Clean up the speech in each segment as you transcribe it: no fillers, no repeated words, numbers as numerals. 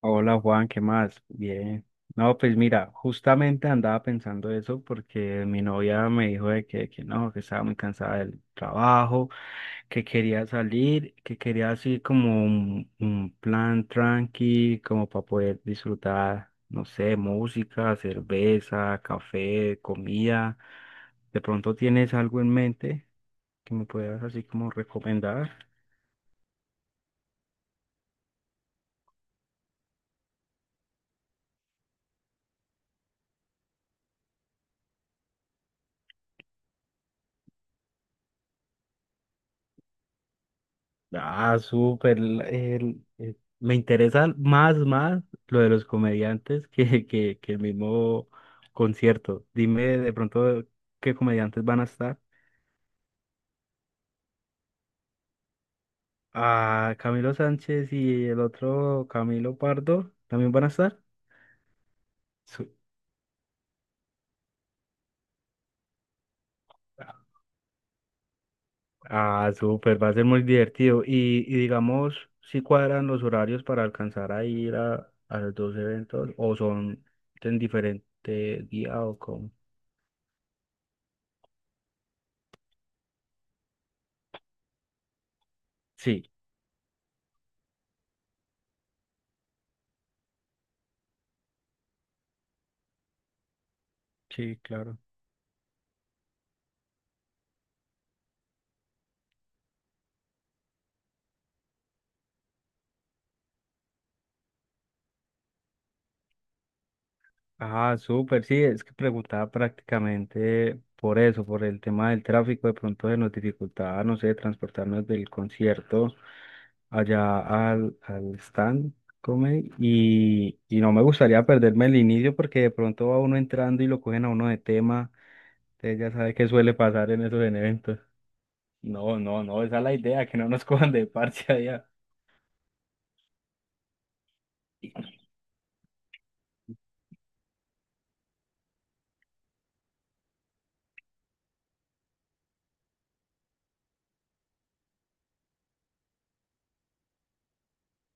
Hola Juan, ¿qué más? Bien. No, pues mira, justamente andaba pensando eso porque mi novia me dijo de que no, que estaba muy cansada del trabajo, que quería salir, que quería así como un plan tranqui, como para poder disfrutar, no sé, música, cerveza, café, comida. ¿De pronto tienes algo en mente que me puedas así como recomendar? Ah, súper. Me interesa más lo de los comediantes que el mismo concierto. Dime de pronto qué comediantes van a estar. Ah, Camilo Sánchez y el otro Camilo Pardo también van a estar. Su- ah, súper, va a ser muy divertido. Y digamos, si cuadran los horarios para alcanzar a ir a los dos eventos o son en diferente día o con... Sí, sí, claro. Ah, súper, sí, es que preguntaba prácticamente por eso, por el tema del tráfico, de pronto se nos dificultaba, no sé, transportarnos del concierto allá al, al stand comedy y no me gustaría perderme el inicio porque de pronto va uno entrando y lo cogen a uno de tema, entonces ya sabe qué suele pasar en esos eventos. No, no, no, esa es la idea, que no nos cojan de parche allá.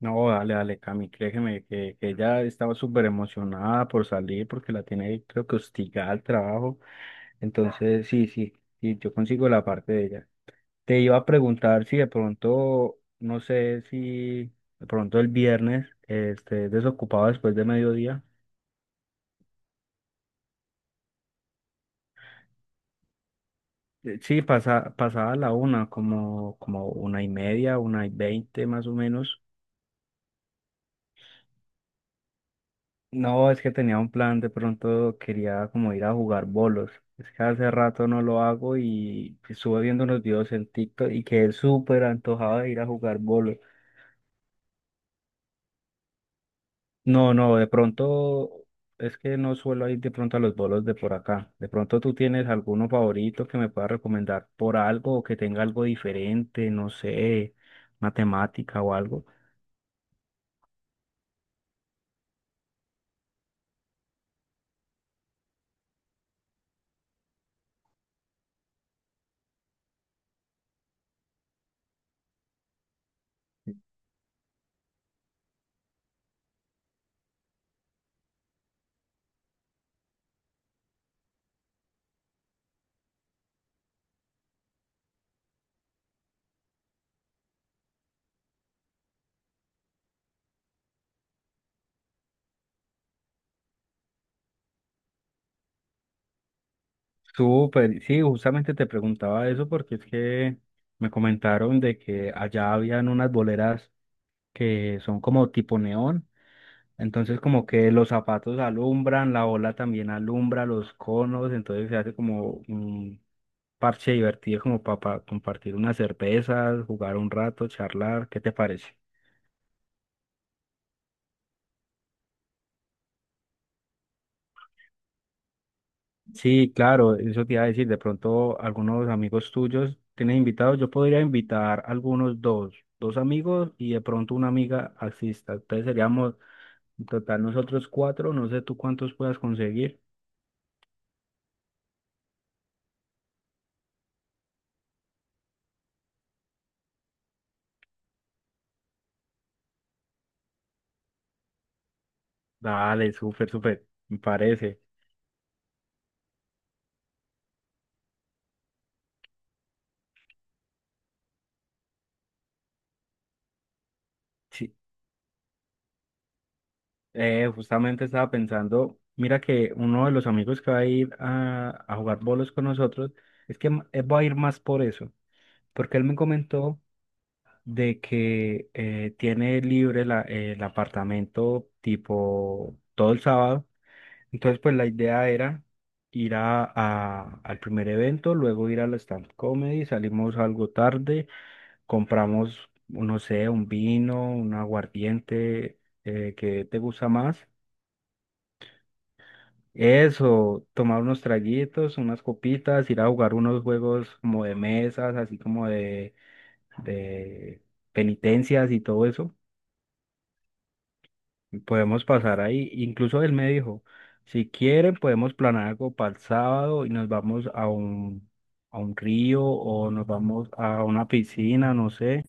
No, dale, dale, Cami, créeme que ella estaba súper emocionada por salir porque la tiene, creo que hostigada al trabajo. Entonces, sí, sí, sí, yo consigo la parte de ella. Te iba a preguntar si de pronto, no sé si de pronto el viernes este, desocupado después de mediodía. Sí, pasa, pasada la una, como, como una y media, una y veinte más o menos. No, es que tenía un plan, de pronto quería como ir a jugar bolos. Es que hace rato no lo hago y estuve viendo unos videos en TikTok y quedé súper antojado de ir a jugar bolos. No, no, de pronto es que no suelo ir de pronto a los bolos de por acá. De pronto tú tienes alguno favorito que me pueda recomendar por algo o que tenga algo diferente, no sé, matemática o algo. Súper, sí, justamente te preguntaba eso porque es que me comentaron de que allá habían unas boleras que son como tipo neón. Entonces como que los zapatos alumbran, la ola también alumbra, los conos, entonces se hace como un parche divertido como para compartir unas cervezas, jugar un rato, charlar, ¿qué te parece? Sí, claro, eso te iba a decir, de pronto algunos amigos tuyos tienes invitados, yo podría invitar algunos dos amigos y de pronto una amiga asista, entonces seríamos en total nosotros cuatro, no sé tú cuántos puedas conseguir. Dale, súper, súper, me parece. Sí, justamente estaba pensando, mira que uno de los amigos que va a ir a jugar bolos con nosotros, va a ir más por eso, porque él me comentó de que tiene libre el apartamento tipo todo el sábado, entonces pues la idea era ir a- al primer evento, luego ir a la stand comedy, salimos algo tarde, compramos, no sé, un vino, un aguardiente, ¿qué te gusta más? Eso, tomar unos traguitos, unas copitas, ir a jugar unos juegos como de mesas, así como de penitencias y todo eso. Y podemos pasar ahí. Incluso él me dijo, si quieren podemos planear algo para el sábado y nos vamos a un río o nos vamos a una piscina, no sé.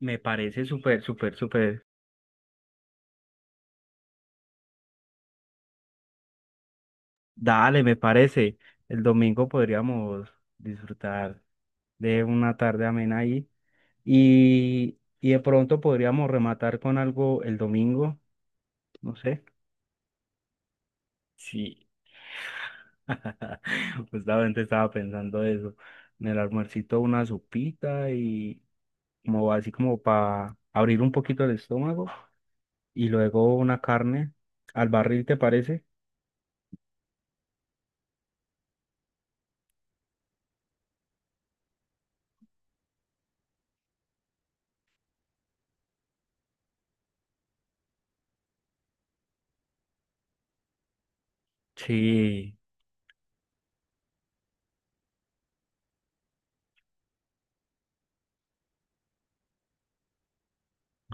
Me parece súper, súper, súper. Dale, me parece. El domingo podríamos disfrutar de una tarde amena ahí. Y de pronto podríamos rematar con algo el domingo, no sé. Sí, justamente estaba pensando eso. En el almuercito una sopita y como así como para abrir un poquito el estómago y luego una carne al barril, ¿te parece? Sí,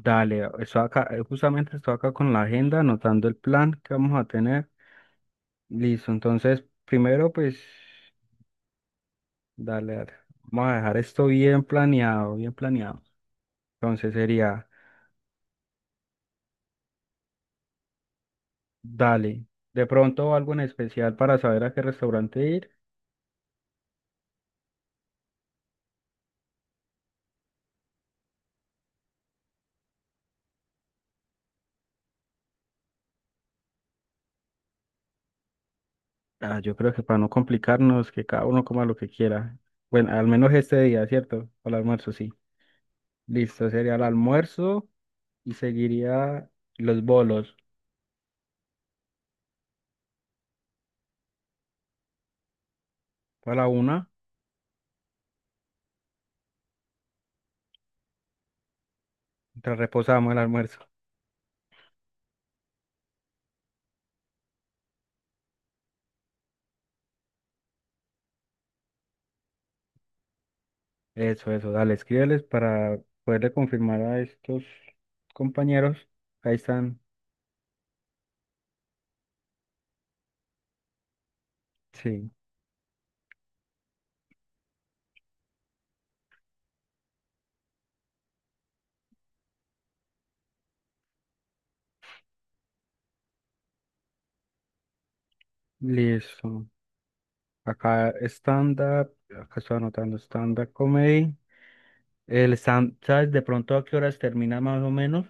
dale, estoy acá, justamente estoy acá con la agenda, anotando el plan que vamos a tener. Listo, entonces primero pues, dale, dale. Vamos a dejar esto bien planeado, bien planeado. Entonces sería, dale, de pronto algo en especial para saber a qué restaurante ir. Ah, yo creo que para no complicarnos, que cada uno coma lo que quiera. Bueno, al menos este día, ¿cierto? Para el almuerzo, sí. Listo, sería el almuerzo y seguiría los bolos. Para la una, mientras reposamos el almuerzo. Eso, dale, escríbeles para poderle confirmar a estos compañeros. Ahí están, sí, listo. Acá stand-up, acá estoy anotando stand-up comedy. El Sam, ¿sabes de pronto a qué horas termina más o menos?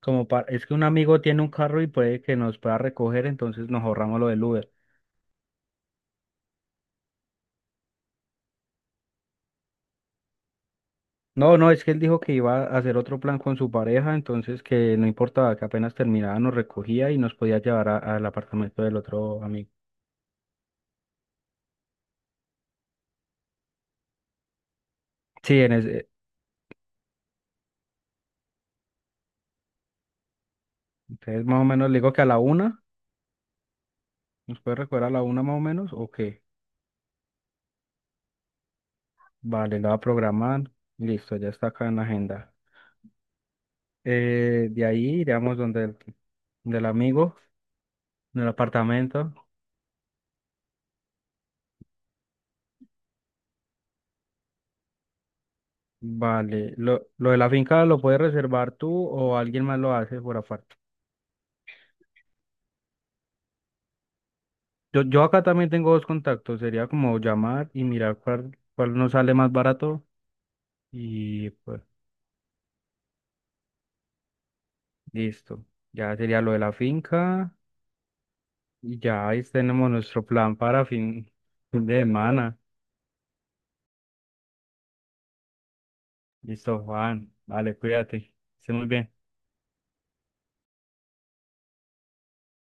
Como para, es que un amigo tiene un carro y puede que nos pueda recoger, entonces nos ahorramos lo del Uber. No, no, es que él dijo que iba a hacer otro plan con su pareja, entonces que no importaba que apenas terminaba, nos recogía y nos podía llevar a- al apartamento del otro amigo. Sí, en ese, entonces más o menos le digo que a la una, ¿nos puede recoger a la una más o menos? ¿O qué? Vale, la va a programar, listo, ya está acá en la agenda. De ahí iríamos donde del amigo, en el apartamento. Vale, lo de la finca lo puedes reservar tú o alguien más lo hace por aparte. Yo acá también tengo dos contactos, sería como llamar y mirar cuál nos sale más barato y pues listo. Ya sería lo de la finca y ya ahí tenemos nuestro plan para fin de semana. Listo, Juan, vale, cuídate, esté muy bien.